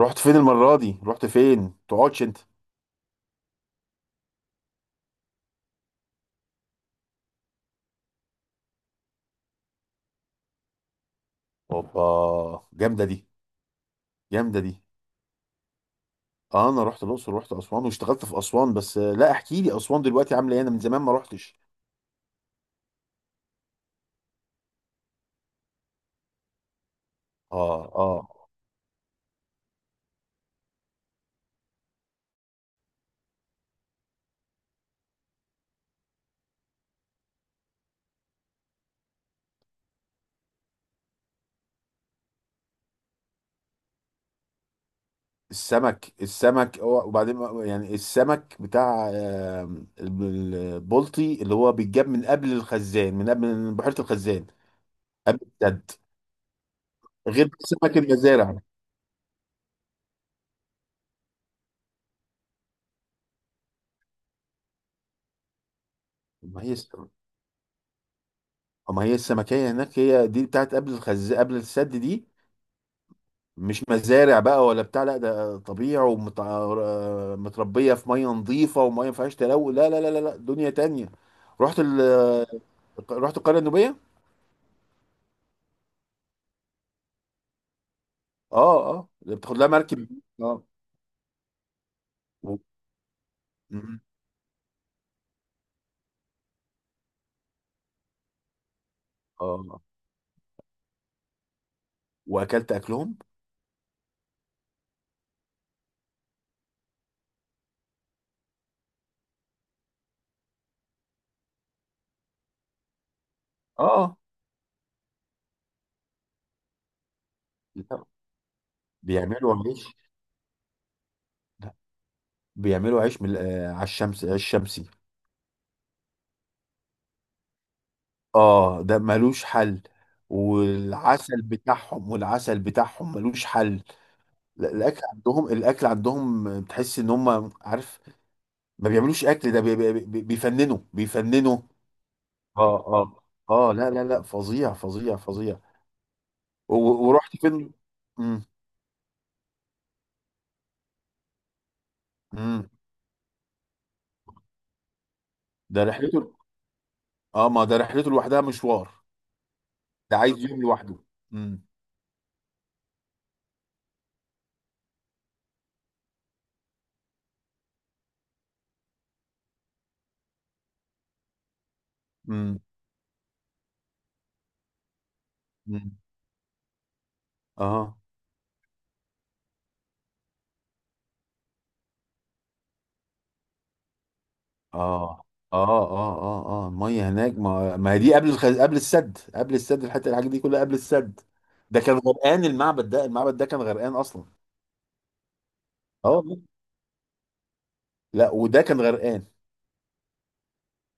رحت فين المرة دي؟ رحت فين تقعدش انت؟ اوبا، جامدة دي. جامدة دي. اه، انا رحت الاقصر، رحت اسوان واشتغلت في اسوان بس لا احكي لي اسوان دلوقتي عاملة ايه؟ انا من زمان ما رحتش. اه اه. السمك وبعدين يعني السمك بتاع البلطي اللي هو بيتجاب من قبل الخزان، من بحيرة الخزان، قبل السد، غير سمك المزارع. ما هي السمك، ما هي السمكية هناك، هي دي بتاعت قبل السد دي. مش مزارع بقى ولا بتاع، لا ده طبيعي ومتربيه في ميه نظيفه وميه ما فيهاش تلوث. لا لا لا لا لا، دنيا تانية. رحت ال... رحت القريه النوبيه. اه اه، اللي بتاخد لها مركب. اه. و... مم. اه، واكلت اكلهم. اه. لا. بيعملوا عيش. لا. بيعملوا عيش من على الشمس، عيش شمسي. اه، ده ملوش حل. والعسل بتاعهم ملوش حل. لا، الاكل عندهم، الاكل عندهم تحس ان هم عارف. ما بيعملوش اكل ده، بيفننوا. اه اه. اه لا لا لا، فظيع فظيع فظيع. و- ورحت فين؟ امم. امم. ده رحلته. اه، ما ده رحلته لوحدها مشوار. ده عايز يوم لوحده. امم. امم. امم. اه اه اه اه اه. اه الميه هناك ما هي دي قبل السد، الحته، الحاجات دي كلها قبل السد. ده كان غرقان، المعبد ده كان غرقان اصلا. اه والله. لا وده كان غرقان.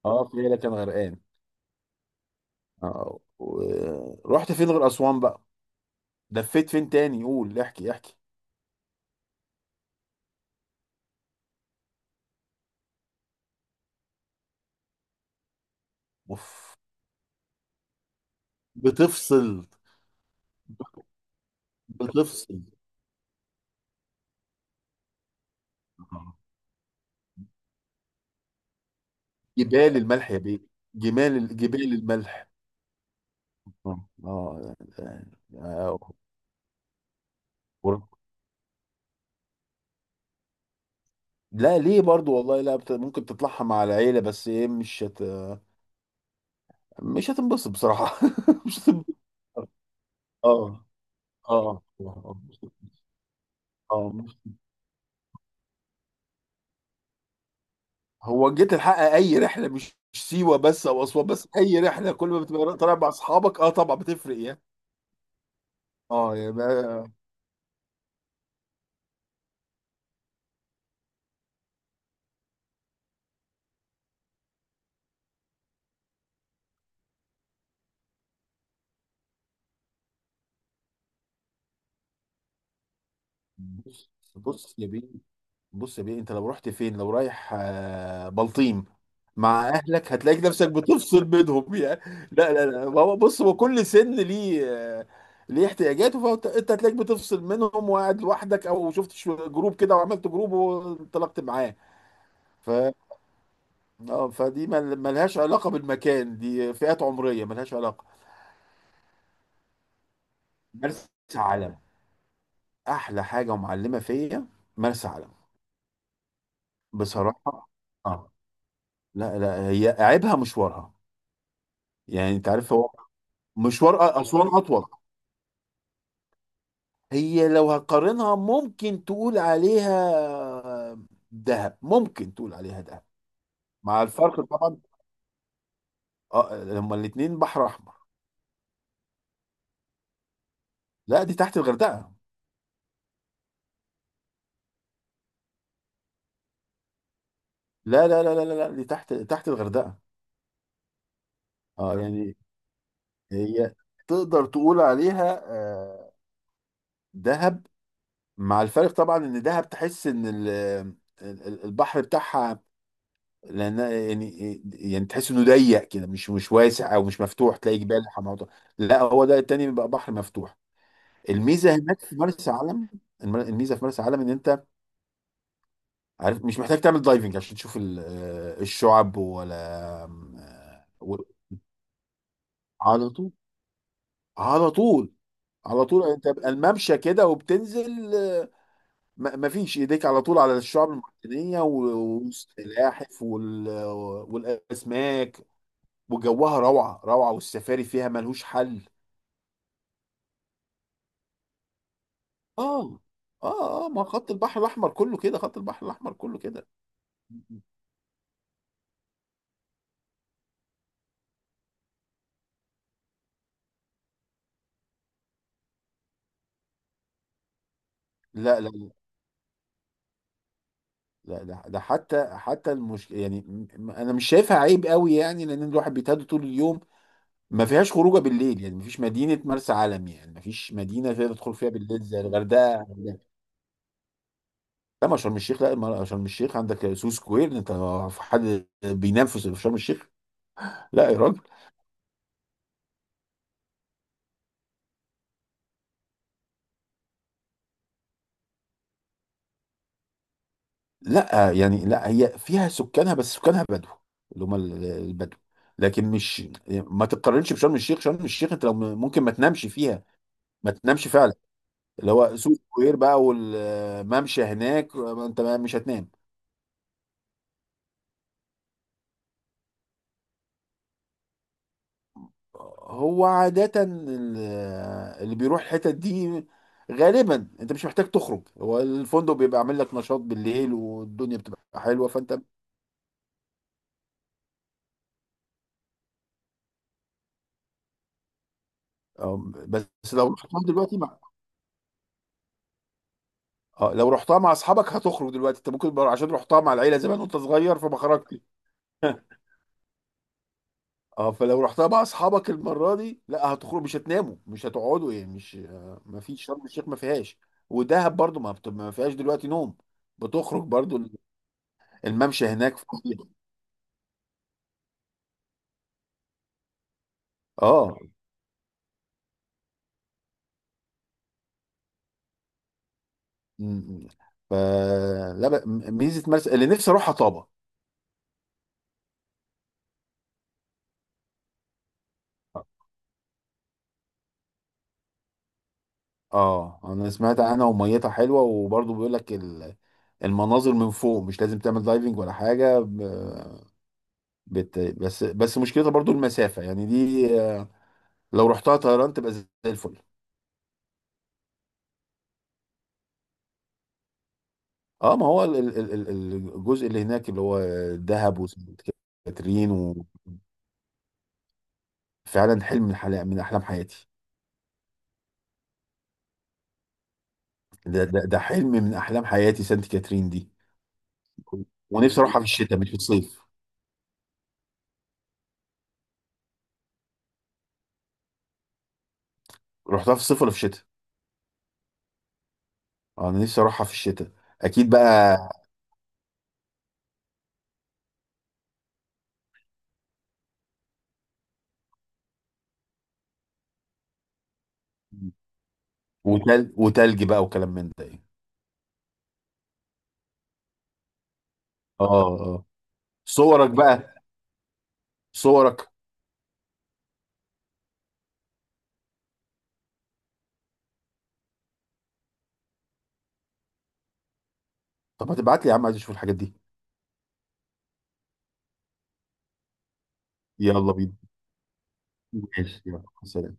اه، فيلا كان غرقان. رحت فين غير أسوان بقى؟ لفيت فين تاني؟ قول، احكي احكي. اوف. بتفصل. بتفصل. آه. جبال الملح يا بيه. جمال جبال الملح. اه ور- لا ليه برضو والله، لا بت... ممكن تطلعها مع العيلة، بس ايه، مش هتنبسط بصراحة مش هتنبسط. اه. اه اه. اه هو جيت الحق، اي رحله، مش سيوه بس او اسوان بس، اي رحله كل ما بتبقى طالع مع اصحابك اه طبعا بتفرق يعني. اه يا بقى. بص. بص يا بيه. بص يا بيه، انت لو رحت فين، لو رايح بلطيم مع اهلك هتلاقي نفسك بتفصل بينهم يعني. لا لا لا، هو بص، هو كل سن ليه آه، ليه احتياجاته، فانت انت هتلاقيك بتفصل منهم وقاعد لوحدك، او شفت جروب كده وعملت جروب وانطلقت معاه. ف اه، فدي ملهاش علاقة بالمكان، دي فئات عمرية ملهاش علاقة. مرسى علم. احلى حاجة ومعلمة فيا مرسى علم. بصراحة. اه. لا لا، هي عيبها مشوارها. يعني انت عارف، هو مشوار اسوان اطول. هي لو هتقارنها ممكن تقول عليها دهب، ممكن تقول عليها دهب مع الفرق طبعا. اه، لما الاتنين بحر احمر. لا دي تحت الغردقة. لا لا لا لا لا لا، دي تحت، تحت الغردقة. اه يعني، هي تقدر تقول عليها دهب، مع الفرق طبعا ان دهب تحس ان البحر بتاعها، لان يعني يعني تحس انه ضيق كده، مش واسع او مش مفتوح، تلاقي جبال حمامات. لا هو ده التاني بيبقى بحر مفتوح. الميزه هناك في مرسى علم، الميزه في مرسى علم ان انت عارف مش محتاج تعمل دايفنج عشان تشوف الشعب ولا آه، و- على طول. على طول. على طول يعني، انت بقى الممشى كده وبتنزل، آه، ما فيش، ايديك على طول على الشعاب المرجانيه والسلاحف والاسماك، وجوها روعه روعه، والسفاري فيها ملهوش حل. اه. اه اه، ما خط البحر الاحمر كله كده، خط البحر الاحمر كله كده. لا لا. لا ده ده حتى حتى المش... يعني م- م- انا مش شايفها عيب قوي، يعني لان الواحد بيتهدى طول اليوم. ما فيهاش خروجه بالليل يعني، ما فيش مدينه، مرسى علم يعني ما فيش مدينه تقدر تدخل فيها بالليل زي الغردقه. لا ما شرم الشيخ، لا ما شرم الشيخ عندك سو سكوير انت. في حد بينام في شرم الشيخ؟ لا يا راجل. لا يعني، لا هي فيها سكانها بس سكانها بدو، اللي هم البدو. لكن مش، ما تتقارنش بشرم الشيخ. شرم الشيخ انت لو ممكن ما تنامش فيها، ما تنامش فعلا. اللي هو سو سكوير بقى والممشى هناك، انت مش هتنام. هو عادة اللي بيروح الحتت دي غالبا انت مش محتاج تخرج، هو الفندق بيبقى عامل لك نشاط بالليل والدنيا بتبقى حلوه فانت. آم، بس لو رحتها دلوقتي مع، اه لو رحتها مع اصحابك هتخرج دلوقتي، انت ممكن عشان رحتها مع العيله زمان وانت صغير فما خرجتش. اه، فلو رحتها مع اصحابك المره دي لا هتخرج، مش هتناموا مش هتقعدوا يعني، مش ما فيش شرم الشيخ، ما فيهاش. ودهب برضو ما فيهاش دلوقتي نوم، بتخرج برضو. الممشى هناك فاضي. اه. مم. فلا ب- ميزه مرسى، اللي نفسي اروحها، طابه. اه انا سمعت عنها وميتها حلوه، وبرضه بيقول لك المناظر من فوق مش لازم تعمل دايفنج ولا حاجه، ب- بت بس بس مشكلتها برضه المسافه، يعني دي لو رحتها طيران تبقى زي الفل. اه ما هو الجزء اللي هناك اللي هو دهب وسانت كاترين. وفعلا حلم من احلام حياتي. ده حلم من احلام حياتي سانت كاترين دي. ونفسي اروحها في الشتاء مش في الصيف. رحتها في الصيف ولا في الشتاء؟ آه، انا نفسي اروحها في الشتاء اكيد بقى. وتلج بقى وكلام من ده يعني. اه اه آه. صورك بقى. صورك. طب ما تبعت لي يا عم، عايز اشوف الحاجات دي. يلا بينا. ماشي يلا سلام.